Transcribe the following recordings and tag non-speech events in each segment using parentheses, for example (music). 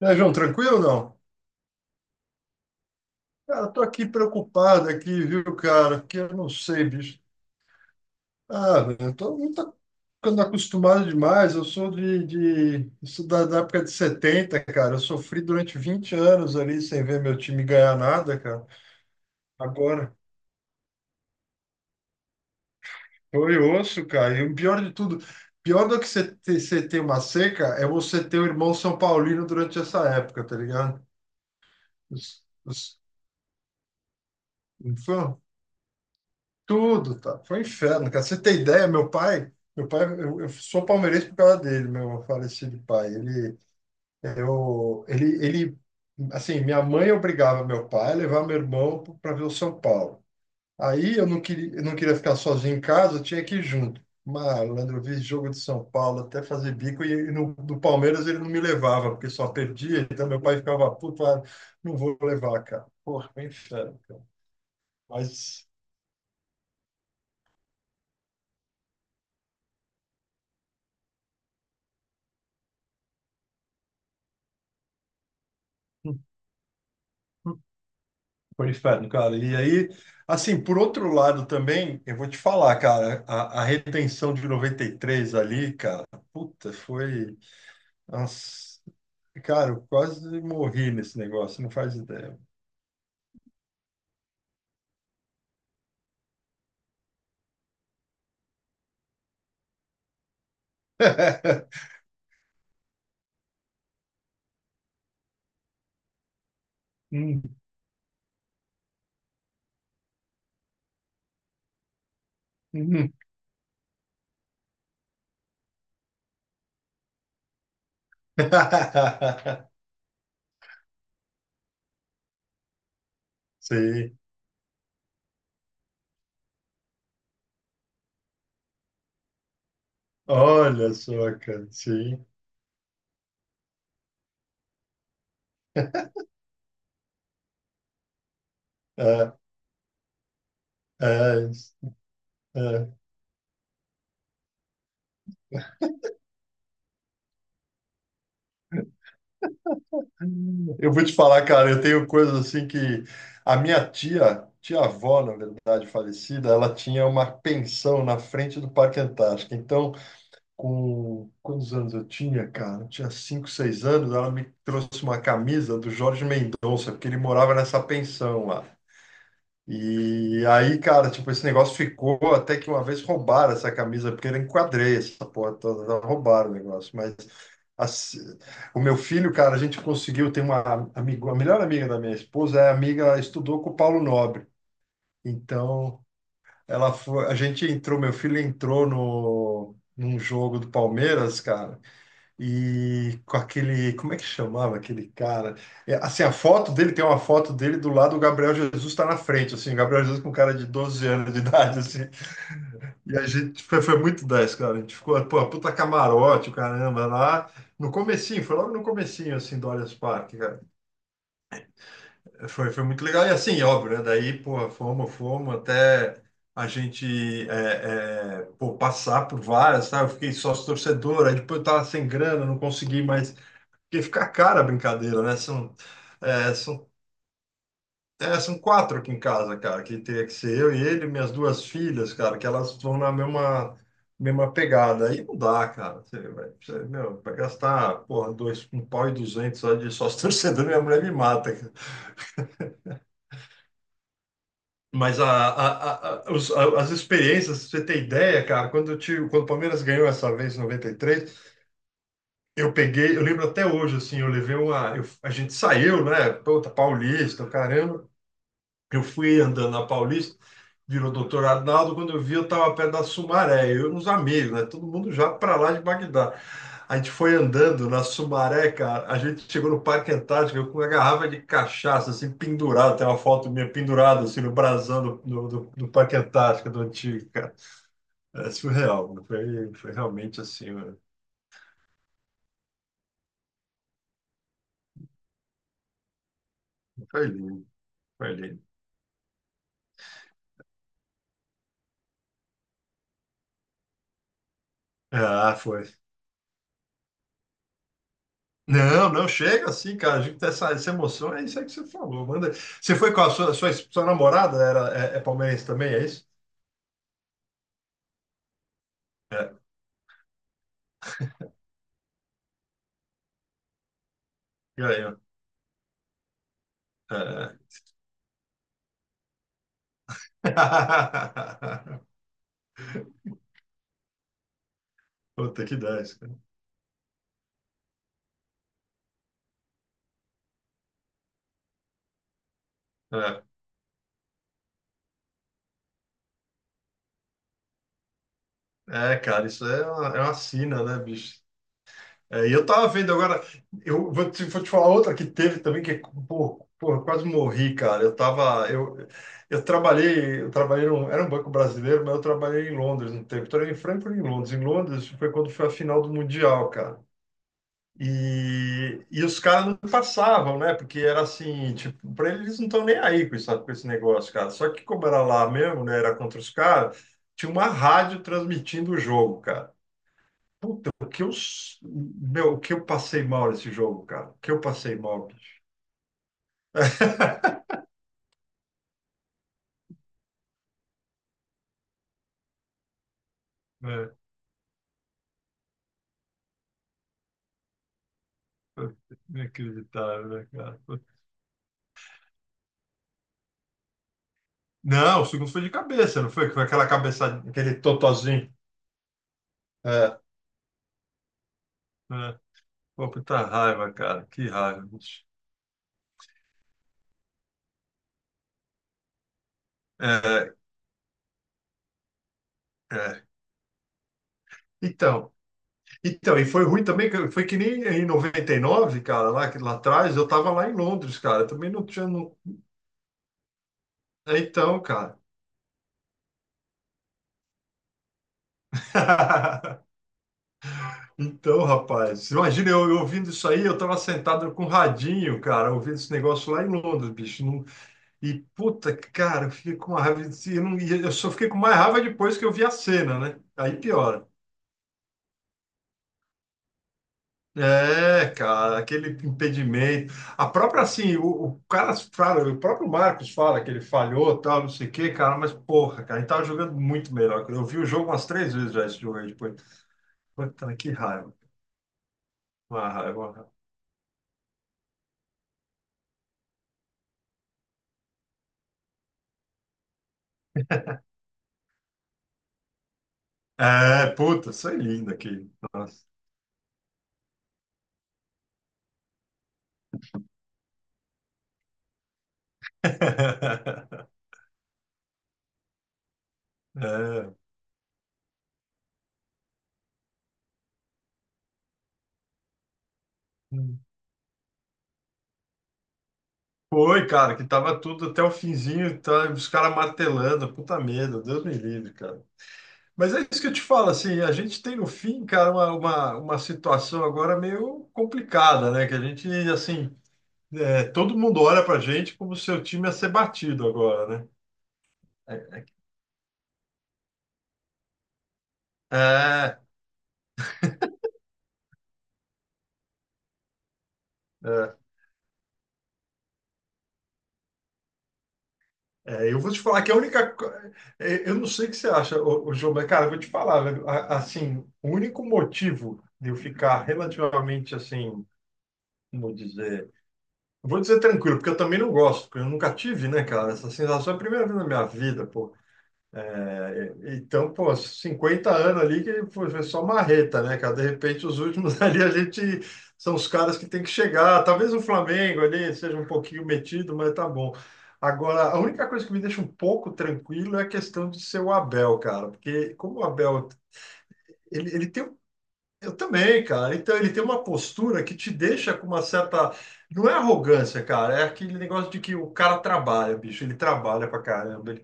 E aí, João, tranquilo ou não? Cara, tô aqui preocupado aqui, viu, cara? Porque eu não sei, bicho. Ah, velho, eu tô não tô ficando acostumado demais. Eu sou de isso da época de 70, cara. Eu sofri durante 20 anos ali sem ver meu time ganhar nada, cara. Agora, foi osso, cara. E o pior de tudo, pior do que você ter uma seca é você ter o irmão São Paulino durante essa época, tá ligado? Os, os, não foi? Tudo, tá? Foi um inferno, cara. Você tem ideia, meu pai, eu sou palmeirense por causa dele, meu falecido pai. Ele, eu, ele, assim, minha mãe obrigava meu pai a levar meu irmão para ver o São Paulo. Aí eu não queria ficar sozinho em casa, eu tinha que ir junto. Malandro, eu vi jogo de São Paulo até fazer bico e do Palmeiras ele não me levava, porque só perdia, então meu pai ficava puto, não vou levar, cara. Porra, foi um inferno, cara. Mas. Foi um inferno, cara. E aí, assim, por outro lado também, eu vou te falar, cara, a retenção de 93 ali, cara, puta, foi. Nossa, cara, eu quase morri nesse negócio, não faz ideia. Hum, hum. (laughs) Sim, olha só, cara, sim. É, é, é. Eu vou te falar, cara, eu tenho coisas assim que a minha tia, tia-avó, na verdade, falecida, ela tinha uma pensão na frente do Parque Antártico. Então, com quantos anos eu tinha, cara? Eu tinha 5, 6 anos, ela me trouxe uma camisa do Jorge Mendonça, porque ele morava nessa pensão lá. E aí, cara, tipo, esse negócio ficou até que uma vez roubaram essa camisa, porque eu enquadrei essa porra toda, roubaram o negócio, mas assim, o meu filho, cara, a gente conseguiu ter uma amigo, a melhor amiga da minha esposa é amiga, ela estudou com o Paulo Nobre. Então, ela foi, a gente entrou, meu filho entrou no num jogo do Palmeiras, cara, e com aquele, como é que chamava aquele cara? É, assim, a foto dele tem uma foto dele do lado, o Gabriel Jesus está na frente, assim, o Gabriel Jesus com cara de 12 anos de (laughs) idade, assim. E a gente foi muito 10, cara. A gente ficou, pô, puta camarote, o caramba, lá no comecinho, foi logo no comecinho, assim, do Allianz Parque, cara. Foi muito legal. E assim, óbvio, né? Daí, pô, fomos até a gente é, pô, passar por várias, tá? Eu fiquei sócio torcedor, aí depois eu tava sem grana, não consegui mais. Porque fica cara a brincadeira, né? É, são são quatro aqui em casa, cara, que teria que ser eu e ele, e minhas duas filhas, cara, que elas vão na mesma pegada. Aí não dá, cara. Você vai, você, meu, vai gastar, porra, dois, um pau e duzentos só de sócio (laughs) torcedor, minha mulher me mata, cara. Mas as experiências, pra você ter ideia, cara, quando, eu tive, quando o Palmeiras ganhou essa vez em 93, eu peguei, eu lembro até hoje, assim, eu levei uma. A gente saiu, né? Puta, Paulista, caramba. Eu fui andando na Paulista, virou Doutor Arnaldo, quando eu vi eu estava perto da Sumaré, eu e uns amigos, né? Todo mundo já para lá de Bagdá. A gente foi andando na Sumaré, cara, a gente chegou no Parque Antártico eu com uma garrafa de cachaça, assim, pendurada, tem uma foto minha pendurada, assim, no brasão do Parque Antártico, do antigo, cara. É surreal, mano. Foi realmente assim, mano. Foi lindo, foi lindo. Ah, foi. Não, não chega assim, cara. A gente tem essa emoção, é isso aí que você falou. Manda. Você foi com a sua namorada, é palmeirense também, é isso? É. E aí, ó. É. (laughs) Puta que 10, cara. É, É, cara, isso é uma sina, né, bicho? É, e eu tava vendo agora, vou te falar outra que teve também, que, pô, eu quase morri, cara. Eu tava, eu trabalhei num, era um banco brasileiro, mas eu trabalhei em Londres um tempo. Trabalhei em Frankfurt e em Londres. Em Londres foi quando foi a final do Mundial, cara. E os caras não passavam, né? Porque era assim, tipo, pra eles não estão nem aí com isso, com esse negócio, cara. Só que como era lá mesmo, né? Era contra os caras, tinha uma rádio transmitindo o jogo, cara. Puta, o que eu, s- meu, o que eu passei mal nesse jogo, cara? O que eu passei mal, bicho. (laughs) É, foi inacreditável, né, cara? Não, o segundo foi de cabeça, não foi? Foi aquela cabeçada, aquele totozinho. É, é. Pô, puta raiva, cara. Que raiva, bicho. É, é. Então, então, e foi ruim também, que foi que nem em 99, cara, lá atrás, eu tava lá em Londres, cara. Eu também não tinha. Não. É, então, cara. (laughs) Então, rapaz, imagina eu, ouvindo isso aí, eu tava sentado com o radinho, cara, ouvindo esse negócio lá em Londres, bicho. E puta, cara, eu fiquei com uma raiva. Não, e eu só fiquei com mais raiva depois que eu vi a cena, né? Aí piora. É, cara, aquele impedimento. A própria, assim, o cara fala, o próprio Marcos fala que ele falhou, tal, não sei o quê, cara, mas porra, cara, ele tava jogando muito melhor. Eu vi o jogo umas 3 vezes já esse jogo aí depois. Puta, que raiva. Uma raiva, uma raiva. É, puta, foi é lindo aqui. Nossa. (laughs) É. Foi, cara, que tava tudo até o finzinho, tá, os caras martelando, puta medo, Deus me livre, cara. Mas é isso que eu te falo, assim, a gente tem no fim, cara, uma situação agora meio complicada, né? Que a gente, assim, é, todo mundo olha pra gente como se o time ia ser batido agora, né? É, é. É, eu vou te falar que a única. Co- é, eu não sei o que você acha, ô, João, mas, cara, eu vou te falar, velho. Assim, o único motivo de eu ficar relativamente assim, como dizer. Eu vou dizer tranquilo, porque eu também não gosto, porque eu nunca tive, né, cara, essa sensação. É a primeira vez na minha vida, pô. Então, pô, 50 anos ali que foi só marreta, né, cara? De repente, os últimos (laughs) ali a gente são os caras que tem que chegar. Talvez o Flamengo ali seja um pouquinho metido, mas tá bom. Agora, a única coisa que me deixa um pouco tranquilo é a questão de ser o Abel, cara, porque como o Abel, ele tem. Um, eu também, cara. Então, ele tem uma postura que te deixa com uma certa. Não é arrogância, cara, é aquele negócio de que o cara trabalha, bicho, ele trabalha pra caramba.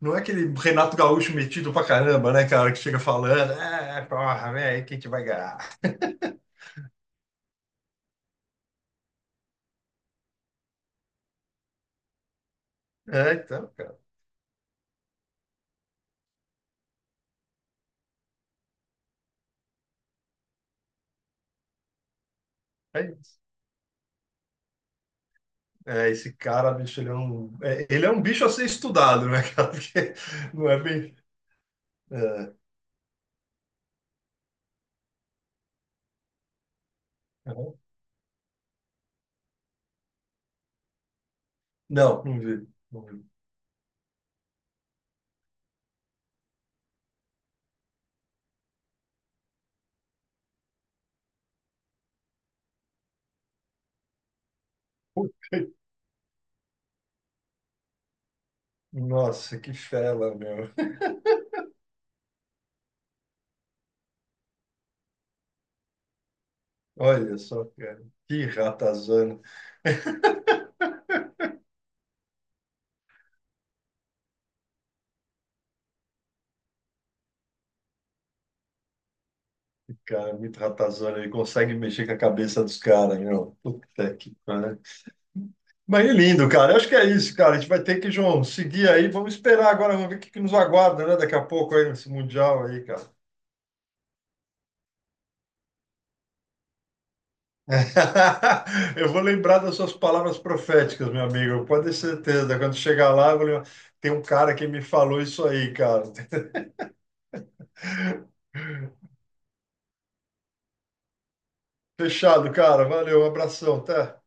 Não é aquele Renato Gaúcho metido pra caramba, né, cara, que chega falando, é, porra, velho, quem que vai ganhar? É, então, cara, é isso. É, esse cara, bicho, ele é um bicho a ser estudado, né, (laughs) cara, porque não é bem. É, não, não vi, não vi. Puta, nossa, que fela, meu. Olha só, cara, que ratazana. (laughs) Cara, é muito ratazana, ele consegue mexer com a cabeça dos caras, meu. Puta que pariu. Mas é lindo, cara. Eu acho que é isso, cara. A gente vai ter que, João, seguir aí. Vamos esperar agora, vamos ver o que que nos aguarda, né? Daqui a pouco aí nesse Mundial aí, cara. (laughs) Eu vou lembrar das suas palavras proféticas, meu amigo. Pode ter certeza. Quando chegar lá, eu vou lembrar. Tem um cara que me falou isso aí, cara. (laughs) Fechado, cara. Valeu, um abração, até.